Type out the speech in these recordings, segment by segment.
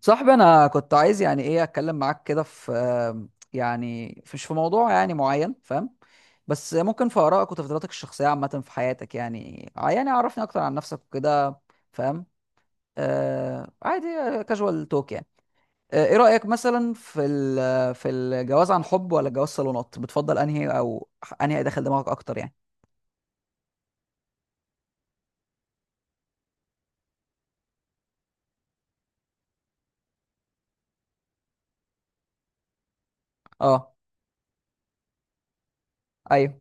صاحبي انا كنت عايز يعني ايه اتكلم معاك كده في يعني مش في موضوع يعني معين فاهم. بس ممكن في ارائك وتفضيلاتك الشخصيه عامه في حياتك يعني يعني عرفني اكتر عن نفسك وكده. فاهم؟ آه عادي. كاجوال توك يعني. آه، ايه رايك مثلا في الجواز عن حب ولا جواز صالونات؟ بتفضل انهي او انهي داخل دماغك اكتر يعني؟ اه، ايوه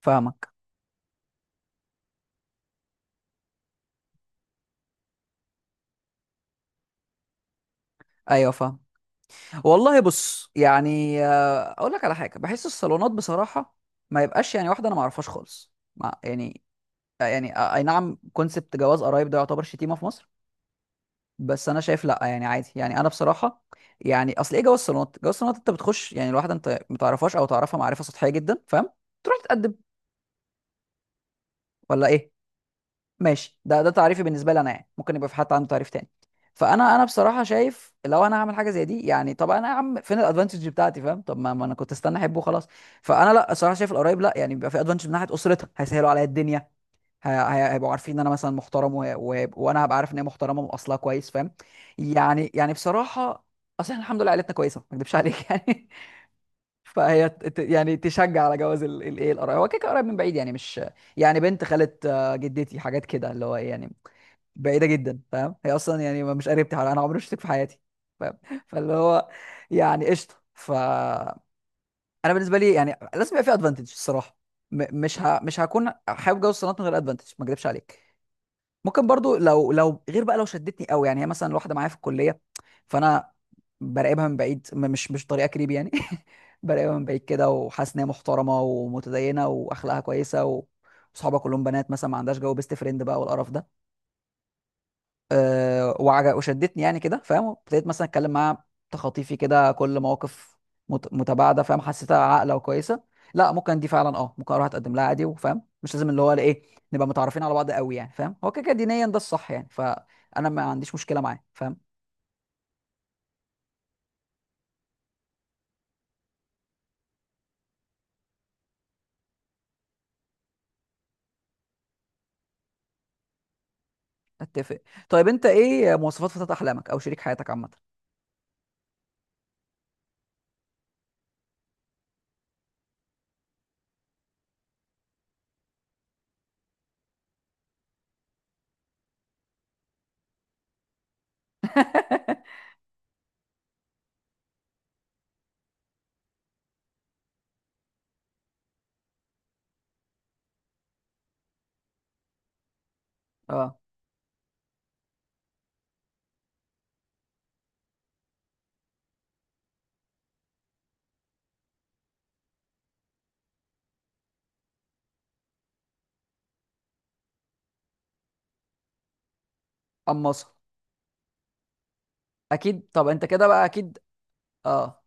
فاهمك. ايوه فاهم. والله بص يعني اقول لك على حاجه، بحس الصالونات بصراحه ما يبقاش يعني واحده انا ما اعرفهاش خالص ما يعني. اي نعم، كونسبت جواز قرايب ده يعتبر شتيمه في مصر. بس انا شايف لا، يعني عادي، يعني انا بصراحه، يعني اصل ايه؟ جواز الصالونات، جواز الصالونات انت بتخش يعني الواحده انت ما تعرفهاش او تعرفها معرفه سطحيه جدا فاهم؟ تروح تتقدم ولا ايه؟ ماشي، ده تعريفي بالنسبه لي انا، يعني ممكن يبقى في حد عنده تعريف تاني. فانا بصراحه شايف لو انا هعمل حاجه زي دي، يعني طب انا يا عم فين الادفانتج بتاعتي فاهم؟ طب ما انا كنت استنى احبه خلاص. فانا لا، الصراحه شايف القرايب، لا يعني بيبقى في ادفانتج من ناحيه اسرتها، هيسهلوا عليا الدنيا. هيبقوا عارفين ان انا مثلا محترم وانا هبقى عارف ان هي محترمه من اصلها كويس فاهم؟ يعني يعني بصراحه، اصلا الحمد لله عيلتنا كويسه، ما اكدبش عليك يعني. فهي يعني تشجع على جواز الايه، القرايب، هو كده كده قرايب من بعيد يعني مش يعني بنت خالة، جدتي، حاجات كده اللي هو إيه يعني، بعيده جدا فاهم؟ هي اصلا يعني مش قريبتي، حوالي انا عمري ما شفتك في حياتي فاهم فاللي هو يعني قشطه. ف انا بالنسبه لي يعني لازم يبقى في ادفانتج الصراحه. مش هكون حابب جوز الصالونات من غير ادفانتج، ما اكذبش عليك. ممكن برضو لو غير بقى، لو شدتني قوي، يعني هي مثلا واحده معايا في الكليه. فانا براقبها من بعيد، مش طريقه كريب يعني. براقبها من بعيد كده، وحاسس ان هي محترمه ومتدينه واخلاقها كويسه وصحابها كلهم بنات مثلا، ما عندهاش جو بيست فريند بقى والقرف ده. أه، وشدتني يعني كده فاهم، ابتديت مثلا اتكلم معاها تخاطيفي كده، كل مواقف متباعده فاهم، حسيتها عاقله وكويسه. لا، ممكن دي فعلا اه، ممكن اروح اتقدم لها عادي وفاهم مش لازم اللي هو ايه نبقى متعرفين على بعض قوي يعني فاهم؟ هو كده كده دينيا ده الصح يعني، فانا ما عنديش مشكله معاه فاهم. اتفق. طيب انت ايه مواصفات فتاة احلامك او شريك حياتك عامه؟ اه. اما أصل. اكيد، طب انت كده بقى اكيد اه،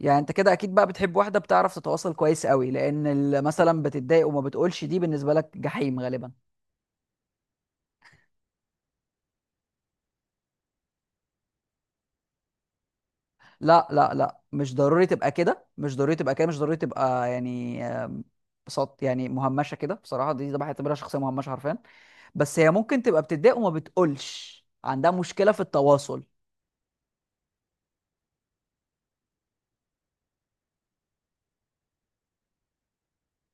يعني انت كده اكيد بقى بتحب واحده بتعرف تتواصل كويس قوي، لان مثلا بتتضايق وما بتقولش، دي بالنسبه لك جحيم غالبا. لا لا لا، مش ضروري تبقى كده، مش ضروري تبقى كده، مش ضروري تبقى يعني صوت يعني مهمشه كده بصراحه، دي ده بعتبرها شخصيه مهمشه حرفيا. بس هي ممكن تبقى بتتضايق وما بتقولش، عندها مشكله في التواصل.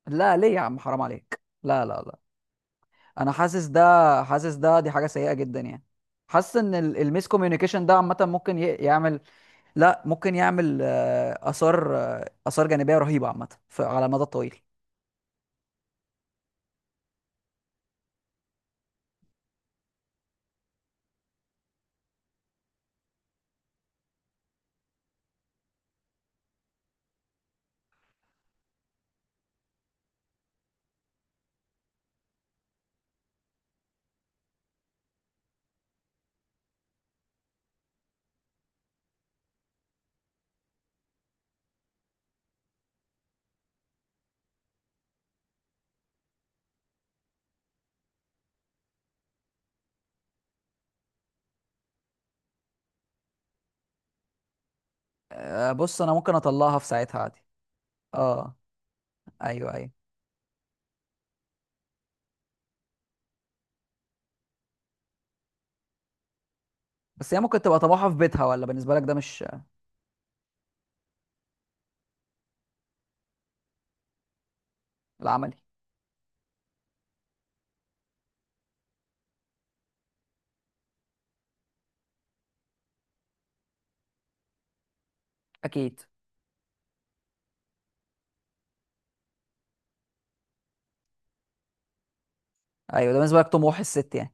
لا ليه يا عم، حرام عليك، لا لا لا، انا حاسس ده، حاسس ده، دي حاجه سيئه جدا يعني. حاسس ان الميس كوميونيكيشن ده عامه ممكن يعمل. لا، ممكن يعمل آثار آثار جانبية رهيبة عامة، على المدى الطويل. بص، أنا ممكن أطلعها في ساعتها عادي. اه. أيوه أيوه. بس هي ممكن تبقى طموحها في بيتها ولا بالنسبة لك ده مش العملي؟ أكيد. أيوه، ده بالنسبة لك طموح الست يعني؟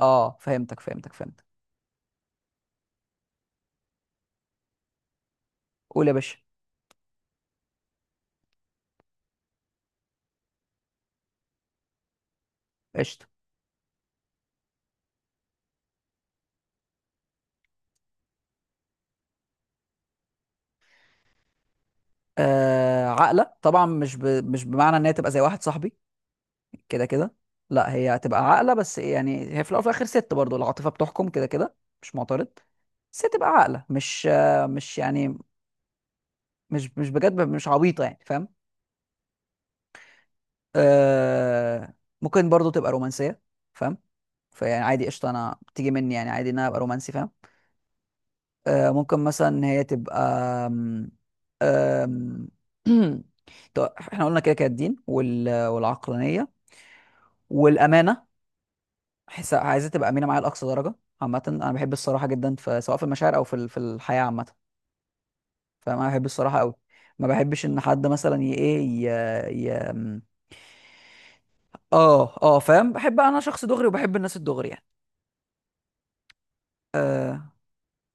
اه فهمتك فهمتك فهمتك. قول يا باشا. قشطة. عقلة طبعا، مش بمعنى ان هي تبقى زي واحد صاحبي كده كده، لا هي هتبقى عاقله، بس إيه يعني، هي في الاول وفي الاخر ست، برضه العاطفه بتحكم كده كده، مش معترض. بس هي تبقى عاقله، مش مش يعني مش بجد مش عبيطه يعني فاهم. آه ممكن برضه تبقى رومانسيه فاهم، فيعني عادي قشطه، انا بتيجي مني يعني عادي ان انا ابقى رومانسي فاهم. آه ممكن مثلا إن هي تبقى آم، آم، طب احنا قلنا كده كده الدين والعقلانيه والامانه. احس عايزة تبقى امينه معايا لاقصى درجه، عامه انا بحب الصراحه جدا في، سواء في المشاعر او في الحياه عامه. فانا بحب الصراحه قوي. ما بحبش ان حد مثلا ي ايه ي... ي... م- اه اه فاهم، بحب انا شخص دغري وبحب الناس الدغري يعني.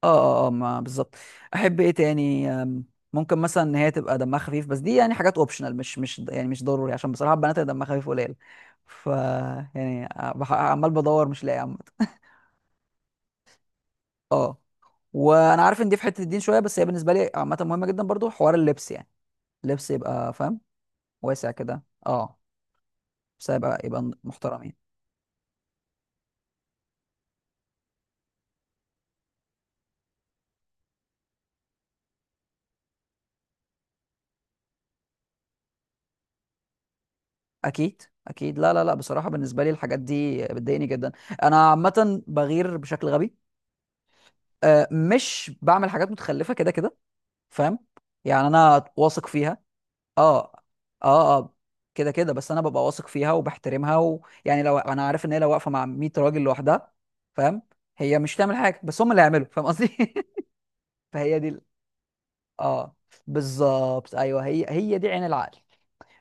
اه اه اه، ما بالظبط. احب ايه تاني ممكن مثلا ان هي تبقى دمها خفيف، بس دي يعني حاجات اوبشنال مش يعني مش ضروري، عشان بصراحه البنات اللي دمها خفيف قليل. ف يعني عمال بدور مش لاقي. اه، وانا عارف ان دي في حته الدين شويه، بس هي بالنسبه لي عامه مهمه جدا برضو، حوار اللبس يعني، اللبس يبقى فاهم، واسع كده اه، بس يبقى محترمين. اكيد اكيد، لا لا لا، بصراحه بالنسبه لي الحاجات دي بتضايقني جدا. انا عامه بغير بشكل غبي، آه مش بعمل حاجات متخلفه كده كده فاهم، يعني انا واثق فيها. اه اه اه، كده كده، بس انا ببقى واثق فيها وبحترمها، ويعني لو انا عارف ان هي لو واقفه مع 100 راجل لوحدها فاهم، هي مش تعمل حاجه، بس هم اللي هيعملوا فاهم قصدي فهي دي اه بالظبط ايوه، هي هي دي عين العقل.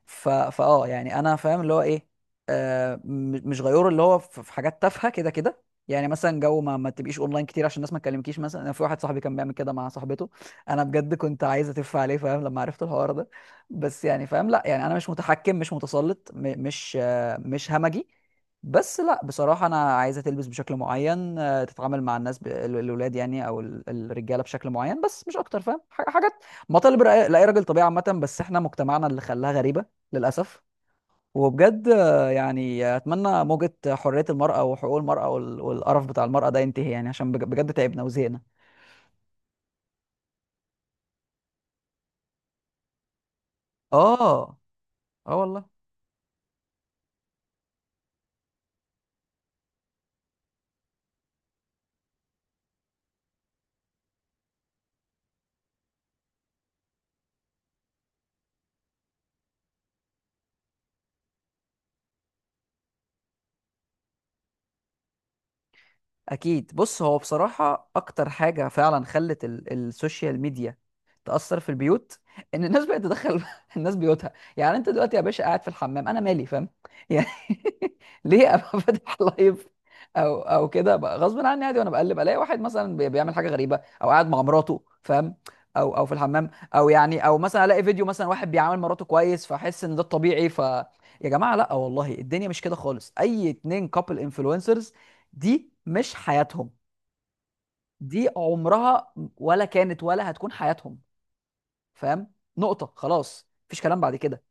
ف... فاه يعني انا فاهم اللي هو ايه، مش غيور، اللي هو في في حاجات تافهه كده كده، يعني مثلا جو ما تبقيش اونلاين كتير عشان الناس ما تكلمكيش مثلا، انا في واحد صاحبي كان بيعمل كده مع صاحبته. انا بجد كنت عايز اتف عليه فاهم لما عرفت الحوار ده. بس يعني فاهم، لا يعني انا مش متحكم مش متسلط مش مش همجي. بس لا بصراحه انا عايزه تلبس بشكل معين، آه تتعامل مع الناس الولاد يعني او الرجاله بشكل معين، بس مش اكتر فاهم، حاجات مطالب لأي راجل طبيعي عامه، بس احنا مجتمعنا اللي خلاها غريبه للأسف. وبجد يعني أتمنى موجة حرية المرأة وحقوق المرأة والقرف بتاع المرأة ده ينتهي يعني، عشان بجد تعبنا وزهقنا. اه اه والله. اكيد، بص، هو بصراحه اكتر حاجه فعلا خلت السوشيال ميديا تاثر في البيوت، ان الناس بقت تدخل الناس بيوتها، يعني انت دلوقتي يا باشا قاعد في الحمام انا مالي فاهم، يعني ليه ابقى فاتح لايف؟ او كده بقى غصب عني عادي، وانا بقلب الاقي واحد مثلا بيعمل حاجه غريبه او قاعد مع مراته فاهم، او في الحمام او يعني، او مثلا الاقي فيديو مثلا واحد بيعامل مراته كويس، فاحس ان ده الطبيعي. ف يا جماعه، لا والله الدنيا مش كده خالص، اي اتنين كابل انفلونسرز دي مش حياتهم، دي عمرها ولا كانت ولا هتكون حياتهم فاهم، نقطة خلاص مفيش كلام بعد كده.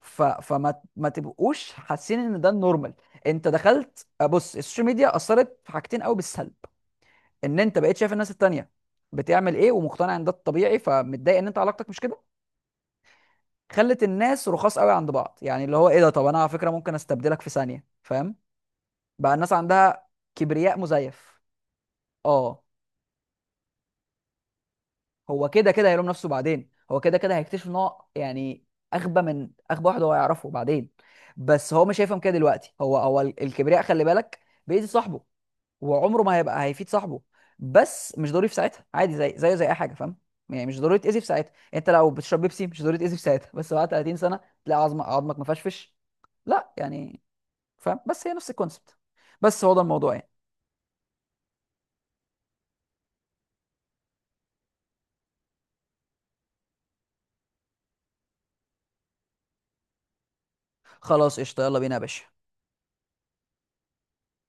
فما ما تبقوش حاسين ان ده النورمال. انت دخلت، بص السوشيال ميديا اثرت في حاجتين قوي بالسلب، ان انت بقيت شايف الناس التانية بتعمل ايه، ومقتنع ان ده الطبيعي، فمتضايق ان انت علاقتك مش كده. خلت الناس رخاص قوي عند بعض، يعني اللي هو ايه ده، طب انا على فكرة ممكن استبدلك في ثانية فاهم، بقى الناس عندها كبرياء مزيف. اه، هو كده كده هيلوم نفسه بعدين، هو كده كده هيكتشف ان هو يعني اغبى من اغبى واحد هو يعرفه بعدين. بس هو مش هيفهم كده دلوقتي، هو هو الكبرياء خلي بالك بيأذي صاحبه، وعمره ما هيبقى هيفيد صاحبه، بس مش ضروري في ساعتها، عادي زي زيه زي اي حاجه فاهم. يعني مش ضروري تأذي في ساعتها، انت لو بتشرب بيبسي مش ضروري تأذي في ساعتها، بس بعد 30 سنه تلاقي عظمك مفشفش، لا يعني فاهم، بس هي نفس الكونسبت، بس هو ده الموضوع يعني. خلاص قشطه، يلا بينا يا باشا.